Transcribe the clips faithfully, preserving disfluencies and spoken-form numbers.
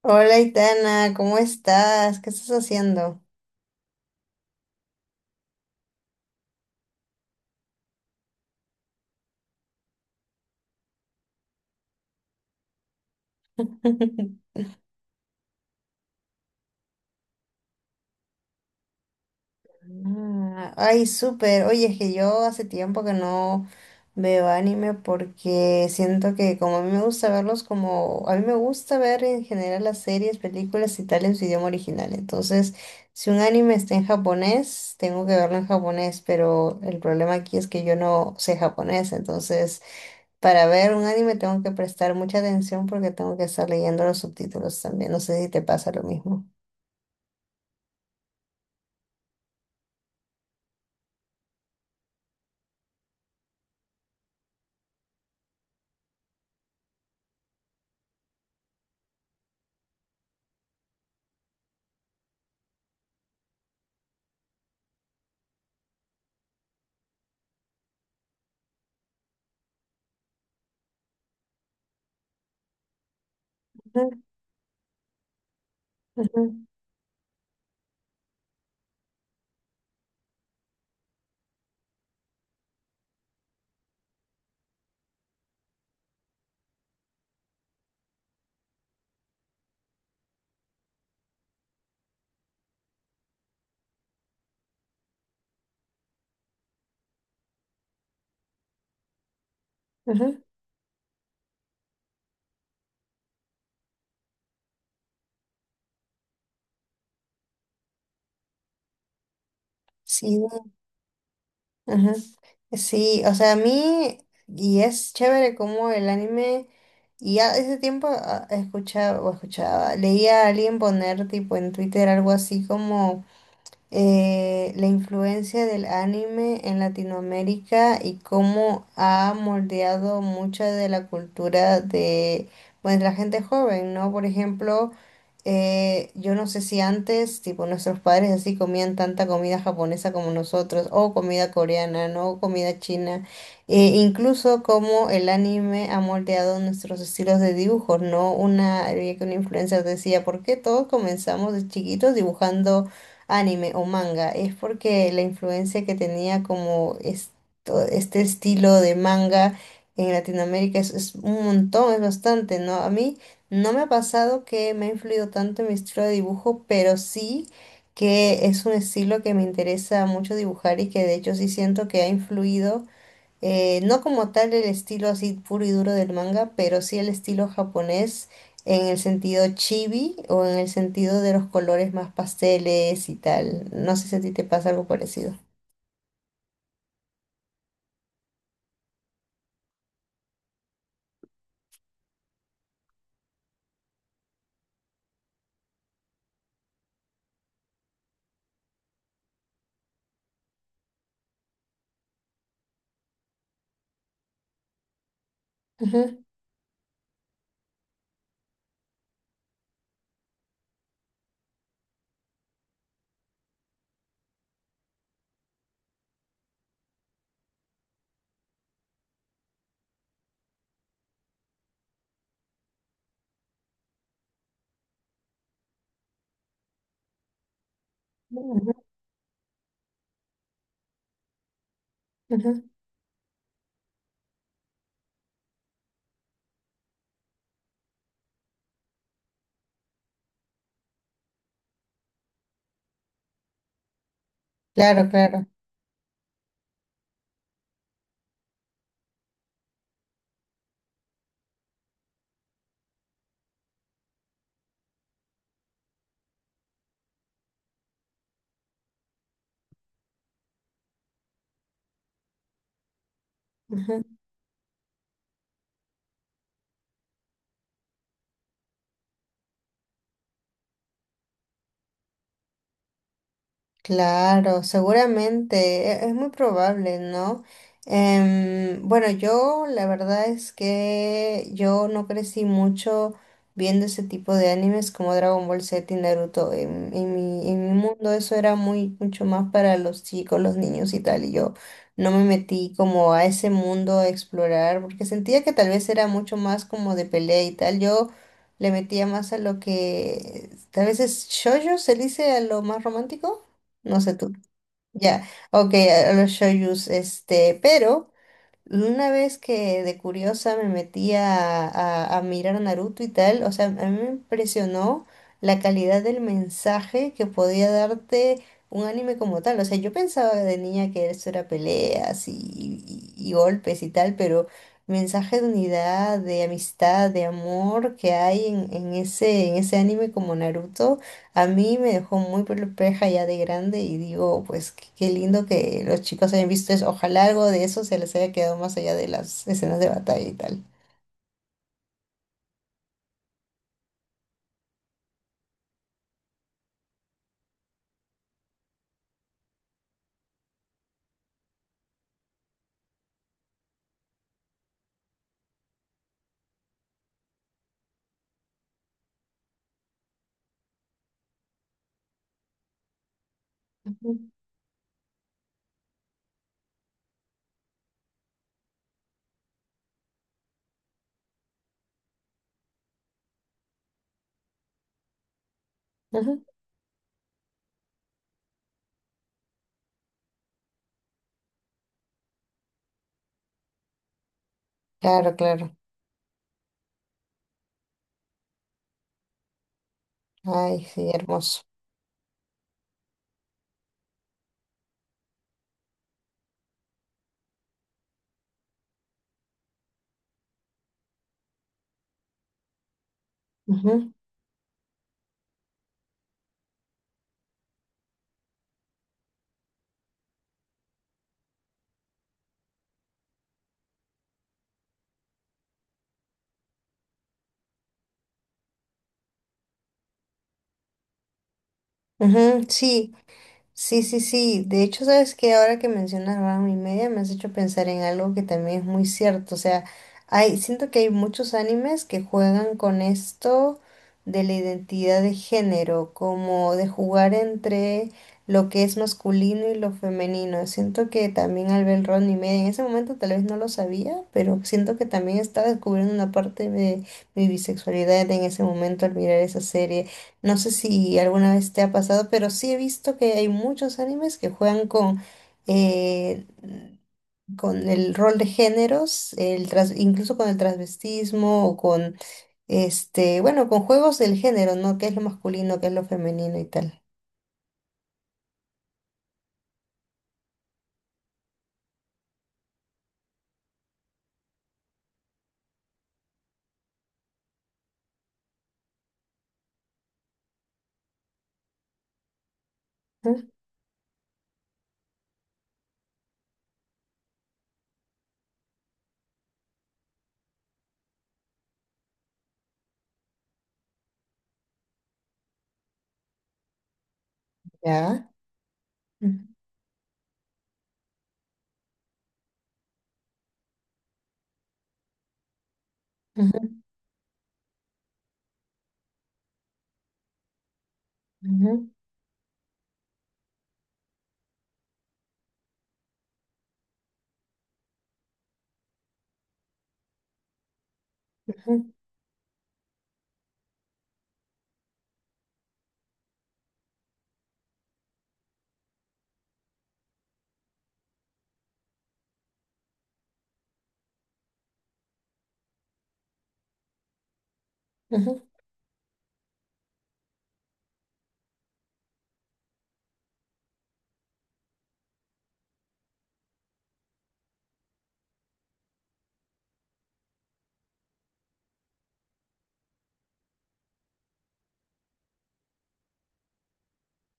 Hola, Itana, ¿cómo estás? ¿Qué estás haciendo? Ah, Ay, súper. Oye, es que yo hace tiempo que no veo anime porque siento que como a mí me gusta verlos como... A mí me gusta ver en general las series, películas y tal en su idioma original. Entonces, si un anime está en japonés, tengo que verlo en japonés, pero el problema aquí es que yo no sé japonés, entonces... Para ver un anime tengo que prestar mucha atención porque tengo que estar leyendo los subtítulos también. No sé si te pasa lo mismo. Ujú, ujú, ujú. Sí, ujú. Sí, o sea, a mí, y es chévere como el anime, y ya ese tiempo ah, escuchaba o escuchaba, leía a alguien poner tipo en Twitter algo así como eh, la influencia del anime en Latinoamérica y cómo ha moldeado mucha de la cultura de, pues, la gente joven, ¿no? Por ejemplo, eh, yo no sé si antes, tipo, nuestros padres así comían tanta comida japonesa como nosotros, o comida coreana, ¿no? O comida china, e incluso cómo el anime ha moldeado nuestros estilos de dibujo, ¿no? Una, había que una influencer decía, ¿por qué todos comenzamos de chiquitos dibujando anime o manga? Es porque la influencia que tenía como esto- este estilo de manga en Latinoamérica es, es un montón, es bastante, ¿no? A mí no me ha pasado que me ha influido tanto en mi estilo de dibujo, pero sí que es un estilo que me interesa mucho dibujar y que de hecho sí siento que ha influido. Eh, no como tal el estilo así puro y duro del manga, pero sí el estilo japonés en el sentido chibi o en el sentido de los colores más pasteles y tal. No sé si a ti te pasa algo parecido. Ujú, ujú, ujú. Claro, claro. Ujú. Claro, seguramente, e- es muy probable, ¿no? Em, bueno, yo la verdad es que yo no crecí mucho viendo ese tipo de animes como Dragon Ball Z y Naruto. En, en mi, en mi mundo eso era muy mucho más para los chicos, los niños y tal, y yo no me metí como a ese mundo a explorar porque sentía que tal vez era mucho más como de pelea y tal. Yo le metía más a lo que tal vez es shoujo, se dice a lo más romántico. No sé tú. Ya, ok, a a los shoyus, este, pero una vez que de curiosa me metí a, a, a mirar Naruto y tal, o sea, a mí me impresionó la calidad del mensaje que podía darte un anime como tal. O sea, yo pensaba de niña que eso era peleas y, y- y golpes y tal, pero mensaje de unidad, de amistad, de amor que hay en, en ese, en ese anime como Naruto. A mí me dejó muy perpleja ya de grande y digo, pues qué qué lindo que los chicos hayan visto eso. Ojalá algo de eso se les haya quedado más allá de las escenas de batalla y tal. Ujú, ujú. Claro, claro. Ay, sí, hermoso. Ujú, ujú, sí, sí, sí, sí. De hecho, sabes que ahora que mencionas Ranma y media, me has hecho pensar en algo que también es muy cierto. O sea, hay, siento que hay muchos animes que juegan con esto de la identidad de género, como de jugar entre lo que es masculino y lo femenino. Siento que también al ver Ranma y media, en ese momento tal vez no lo sabía, pero siento que también estaba descubriendo una parte de mi bisexualidad en ese momento al mirar esa serie. No sé si alguna vez te ha pasado, pero sí he visto que hay muchos animes que juegan con, eh, con el rol de géneros, el tras- incluso con el transvestismo o con, este, bueno, con juegos del género, ¿no? ¿Qué es lo masculino, qué es lo femenino y tal? Ujú. ¿Ya? Ujú, ujú, ujú, ujú, ujú.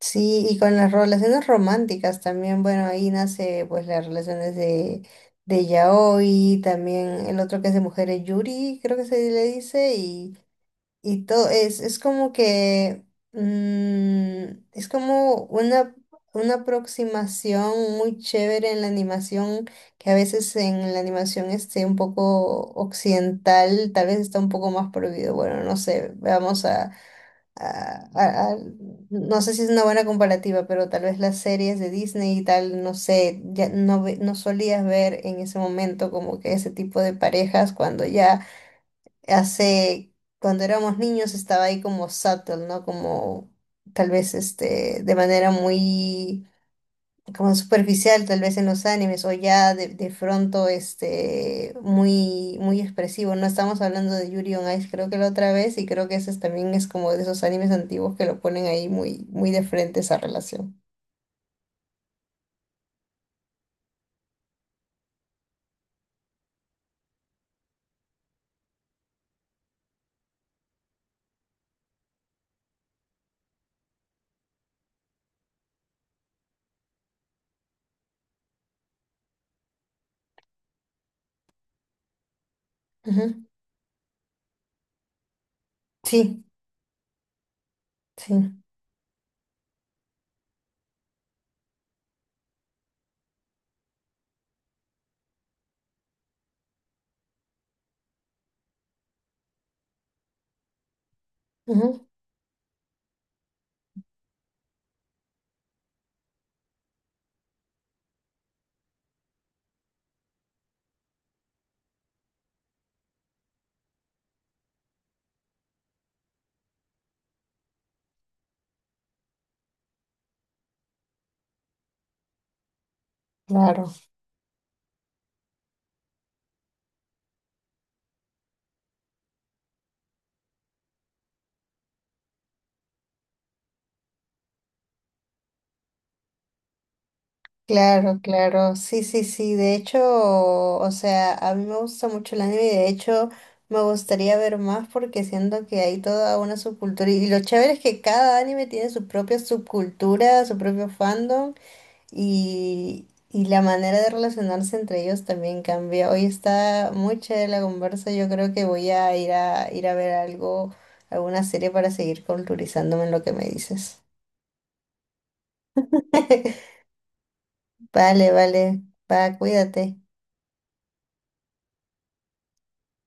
Sí, y con las relaciones románticas también, bueno, ahí nace pues las relaciones de, de yaoi, también el otro que es de mujeres yuri, creo que se le dice, y, y todo, es, es como que, mm, es como una, una aproximación muy chévere en la animación, que a veces en la animación esté un poco occidental, tal vez está un poco más prohibido, bueno, no sé, vamos a a- a- a- no sé si es una buena comparativa, pero tal vez las series de Disney y tal, no sé, ya no, ve- no solías ver en ese momento como que ese tipo de parejas cuando ya hace, cuando éramos niños estaba ahí como subtle, ¿no? Como tal vez este, de manera muy como superficial tal vez en los animes o ya de, de pronto este muy muy expresivo. No estamos hablando de Yuri on Ice, creo que la otra vez y creo que ese es- también es como de esos animes antiguos que lo ponen ahí muy muy de frente esa relación. Ujú. Sí, sí, ujú, claro. Claro, claro, sí, sí, sí, de hecho, o sea, a mí me gusta mucho el anime y de hecho me gustaría ver más porque siento que hay toda una subcultura y lo chévere es que cada anime tiene su propia subcultura, su propio fandom y, y la manera de relacionarse entre ellos también cambia. Hoy está muy chévere la conversa, yo creo que voy a ir a ir a ver algo, alguna serie para seguir culturizándome en lo que me dices. Vale, vale, va, cuídate.